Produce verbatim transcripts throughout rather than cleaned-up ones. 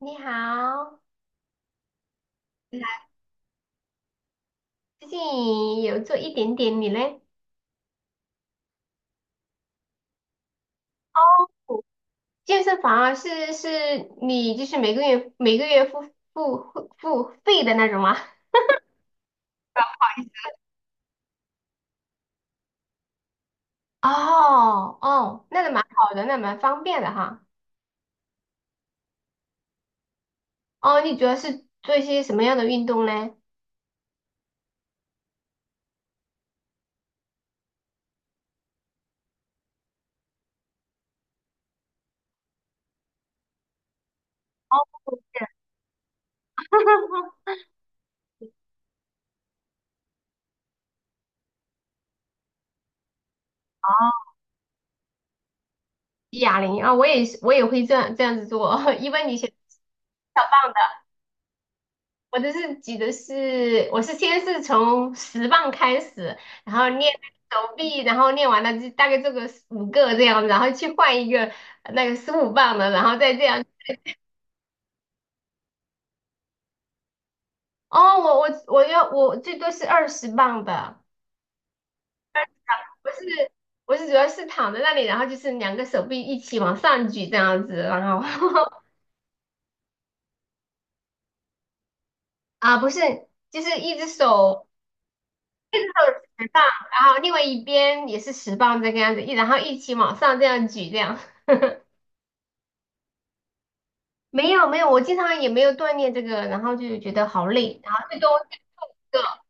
你好，你好。最近有做一点点，你嘞？哦，健身房啊，是是。你就是每个月每个月付付付付费的那种吗？哦哦，那个蛮好的，那蛮方便的哈。哦，你主要是做一些什么样的运动嘞？哦，哑铃啊，我也是，我也会这样这样子做。一般你前我的是举的是，我是先是从十磅开始，然后练手臂，然后练完了就大概做个五个这样，然后去换一个呃那个十五磅的，然后再这样。哦，我我我要我最多是二十磅的。我是我是主要是躺在那里，然后就是两个手臂一起往上举这样子，然后 啊不是，就是一只手一只手十磅，然后另外一边也是十磅这个样子，一然后一起往上这样举这样。没有没有，我经常也没有锻炼这个，然后就觉得好累，然后最多这个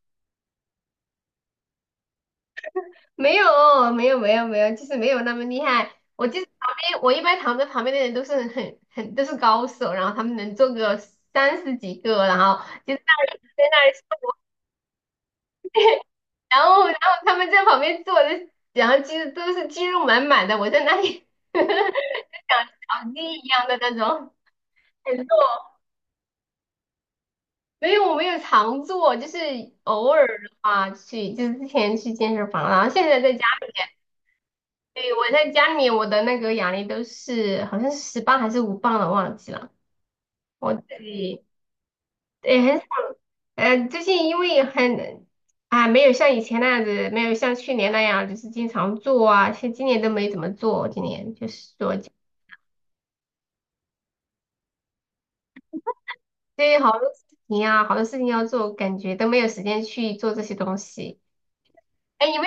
没有没有没有没有，就是没有那么厉害。我就是旁边，我一般躺在旁边的人都是很很都是高手，然后他们能做个三十几个，然后就在那里在那里，然后然后他们在旁边坐着，然后肌都是肌肉满满的，我在那里 像小鸡一样的那种。没有，我没有常做，就是偶尔的话去，就是之前去健身房，然后现在在家。对，我在家里面，我的那个哑铃都是好像是十磅还是五磅的，忘记了。我自己对很少。呃，最近因为很啊，没有像以前那样子，没有像去年那样，就是经常做啊，像今年都没怎么做，今年就是做，对，好多事情啊，好多事情要做，感觉都没有时间去做这些东西。哎，你们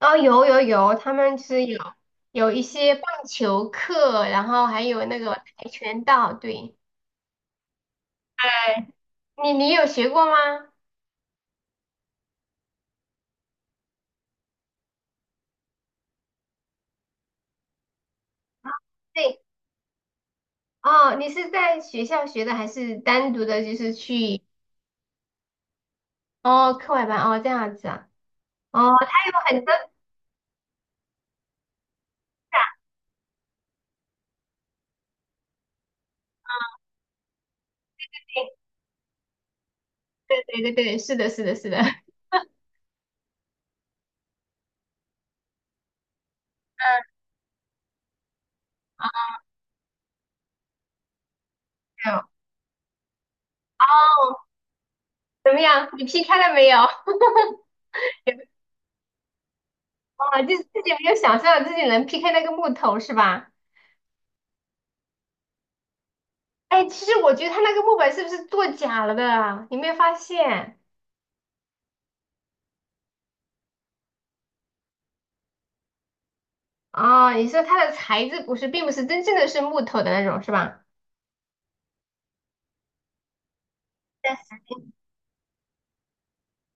哦，有有有，他们就是有有一些棒球课，然后还有那个跆拳道，对。你你有学过吗？对。哦，你是在学校学的，还是单独的，就是去哦课外班哦这样子啊？哦，他有很多，哎对对对对，是的，是的，是的，嗯还有 哦，怎么样？你劈开了没有？哦，就是自己没有想象自己能劈开那个木头是吧？哎，其实我觉得它那个木板是不是做假了的？你没有发现？哦，你说它的材质不是，并不是真正的是木头的那种是吧？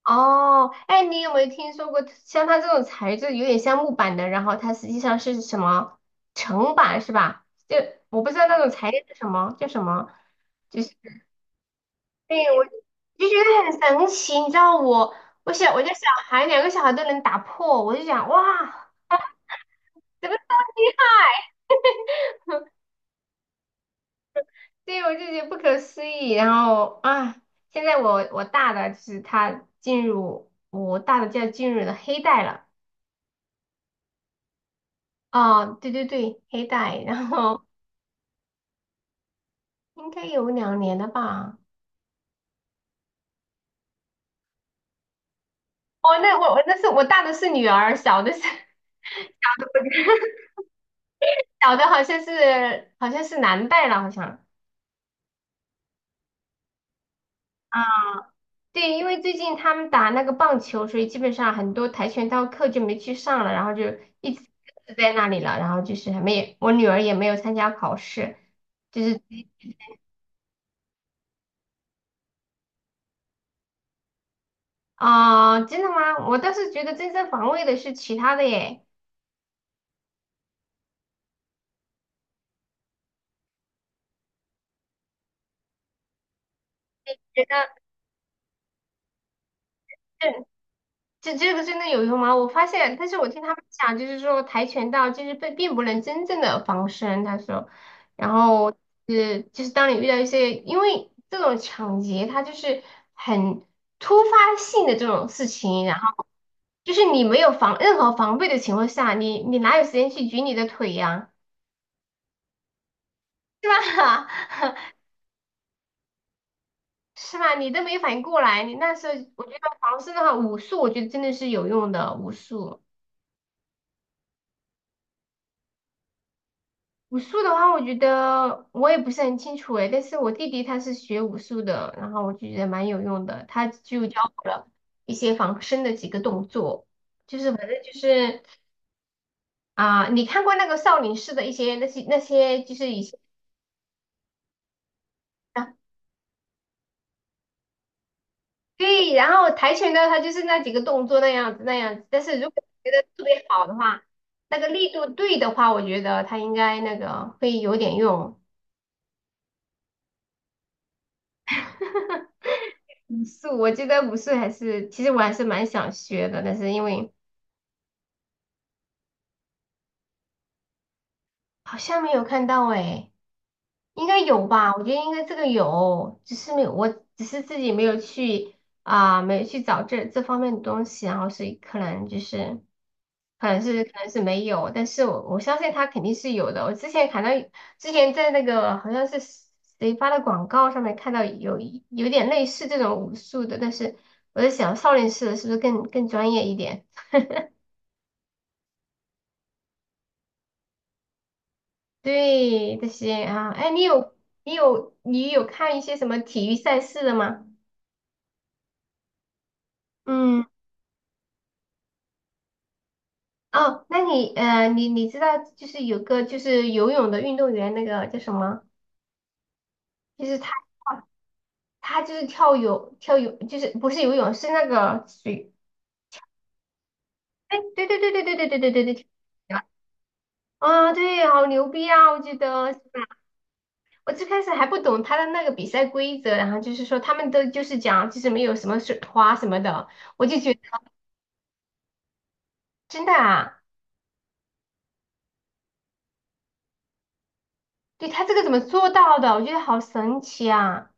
哦，哎，你有没有听说过像它这种材质有点像木板的，然后它实际上是什么层板是吧？就我不知道那种材料是什么，叫什么，就是对我就觉得很神奇，你知道我我小我家小孩两个小孩都能打破，我就想哇，怎么这么厉害？对，我就觉得不可思议。然后啊，现在我我大的就是他进入我大的就要进入了黑带了。哦，对对对，黑带，然后应该有两年了吧？哦，那我我那是我大的是女儿，小的是 小的好像是好像是男带了，好像。啊，对，因为最近他们打那个棒球，所以基本上很多跆拳道课就没去上了，然后就一直搁置在那里了，然后就是还没，我女儿也没有参加考试，就是。啊、真的吗？我倒是觉得正正防卫的是其他的耶，觉得。这这个真的有用吗？我发现，但是我听他们讲，就是说跆拳道就是并并不能真正的防身，他说，然后是就是当你遇到一些，因为这种抢劫，它就是很突发性的这种事情，然后就是你没有防任何防备的情况下，你你哪有时间去举你的腿呀，是吧？是吧？你都没反应过来，你那时候我觉得防身的话，武术我觉得真的是有用的，武术。武术的话，我觉得我也不是很清楚诶，但是我弟弟他是学武术的，然后我就觉得蛮有用的，他就教我了一些防身的几个动作，就是反正就是。啊、你看过那个少林寺的一些那些那些就是以前。啊，对，然后跆拳道它就是那几个动作那样子那样子，但是如果觉得特别好的话，那个力度对的话，我觉得他应该那个会有点用。武术，我觉得武术还是，其实我还是蛮想学的，但是因为。好像没有看到诶，应该有吧？我觉得应该这个有，只是没有，我只是自己没有去啊、没有去找这这方面的东西，然后所以可能就是，可能是可能是没有，但是我我相信它肯定是有的。我之前看到，之前在那个好像是谁发的广告上面看到有有点类似这种武术的，但是我在想少林寺的是不是更更专业一点？对这些啊，哎，你有你有你有看一些什么体育赛事的吗？嗯，哦，那你呃，你你知道就是有个就是游泳的运动员，那个叫什么？就是他他就是跳泳跳泳，就是不是游泳是那个水，哎，对对对对对对对对对对，啊，对，好牛逼啊！我觉得我最开始还不懂他的那个比赛规则，然后就是说他们都就是讲就是没有什么水花什么的，我就觉得真的啊。对，他这个怎么做到的？我觉得好神奇啊！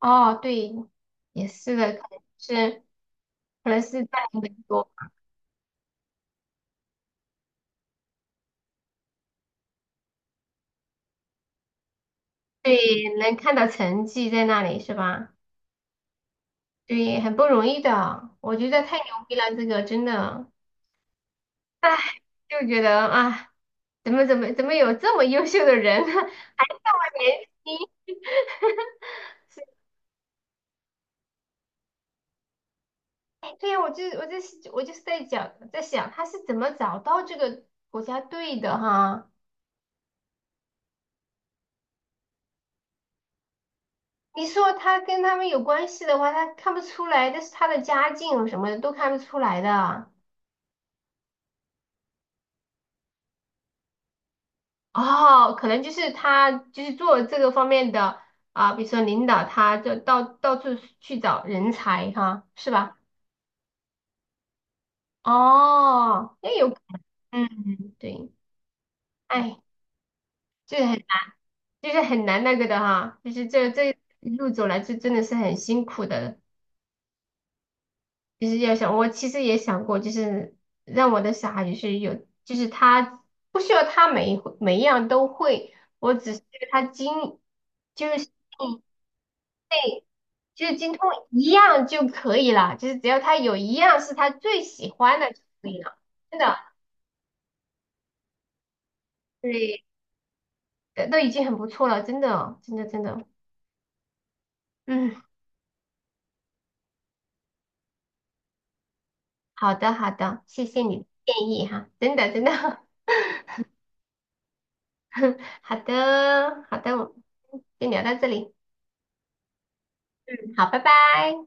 哦，对，也是的，可能是可能是在美国，对，能看到成绩在那里是吧？对，很不容易的，我觉得太牛逼了，这个真的，唉，就觉得啊，怎么怎么怎么有这么优秀的人？他年轻，哎，对呀，我就我就是我就是在讲在想他是怎么找到这个国家队的哈？你说他跟他们有关系的话，他看不出来，但是他的家境什么的都看不出来的。哦，可能就是他就是做这个方面的啊，比如说领导他就到到处去找人才哈，是吧？哦，那有，嗯，对，哎，就是很就是很难那个的哈，就是这这一路走来，这真的是很辛苦的。其实要想，我其实也想过，就是让我的小孩就是有，就是他不需要他每一回每一样都会，我只是他精，就是嗯就是精通一样就可以了，就是只要他有一样是他最喜欢的就可以了，真的，对，都都已经很不错了，真的，真的，真的，嗯，好的，好的，谢谢你的建议哈，真的，真的，好的，好的，我们先聊到这里，嗯，好，拜拜。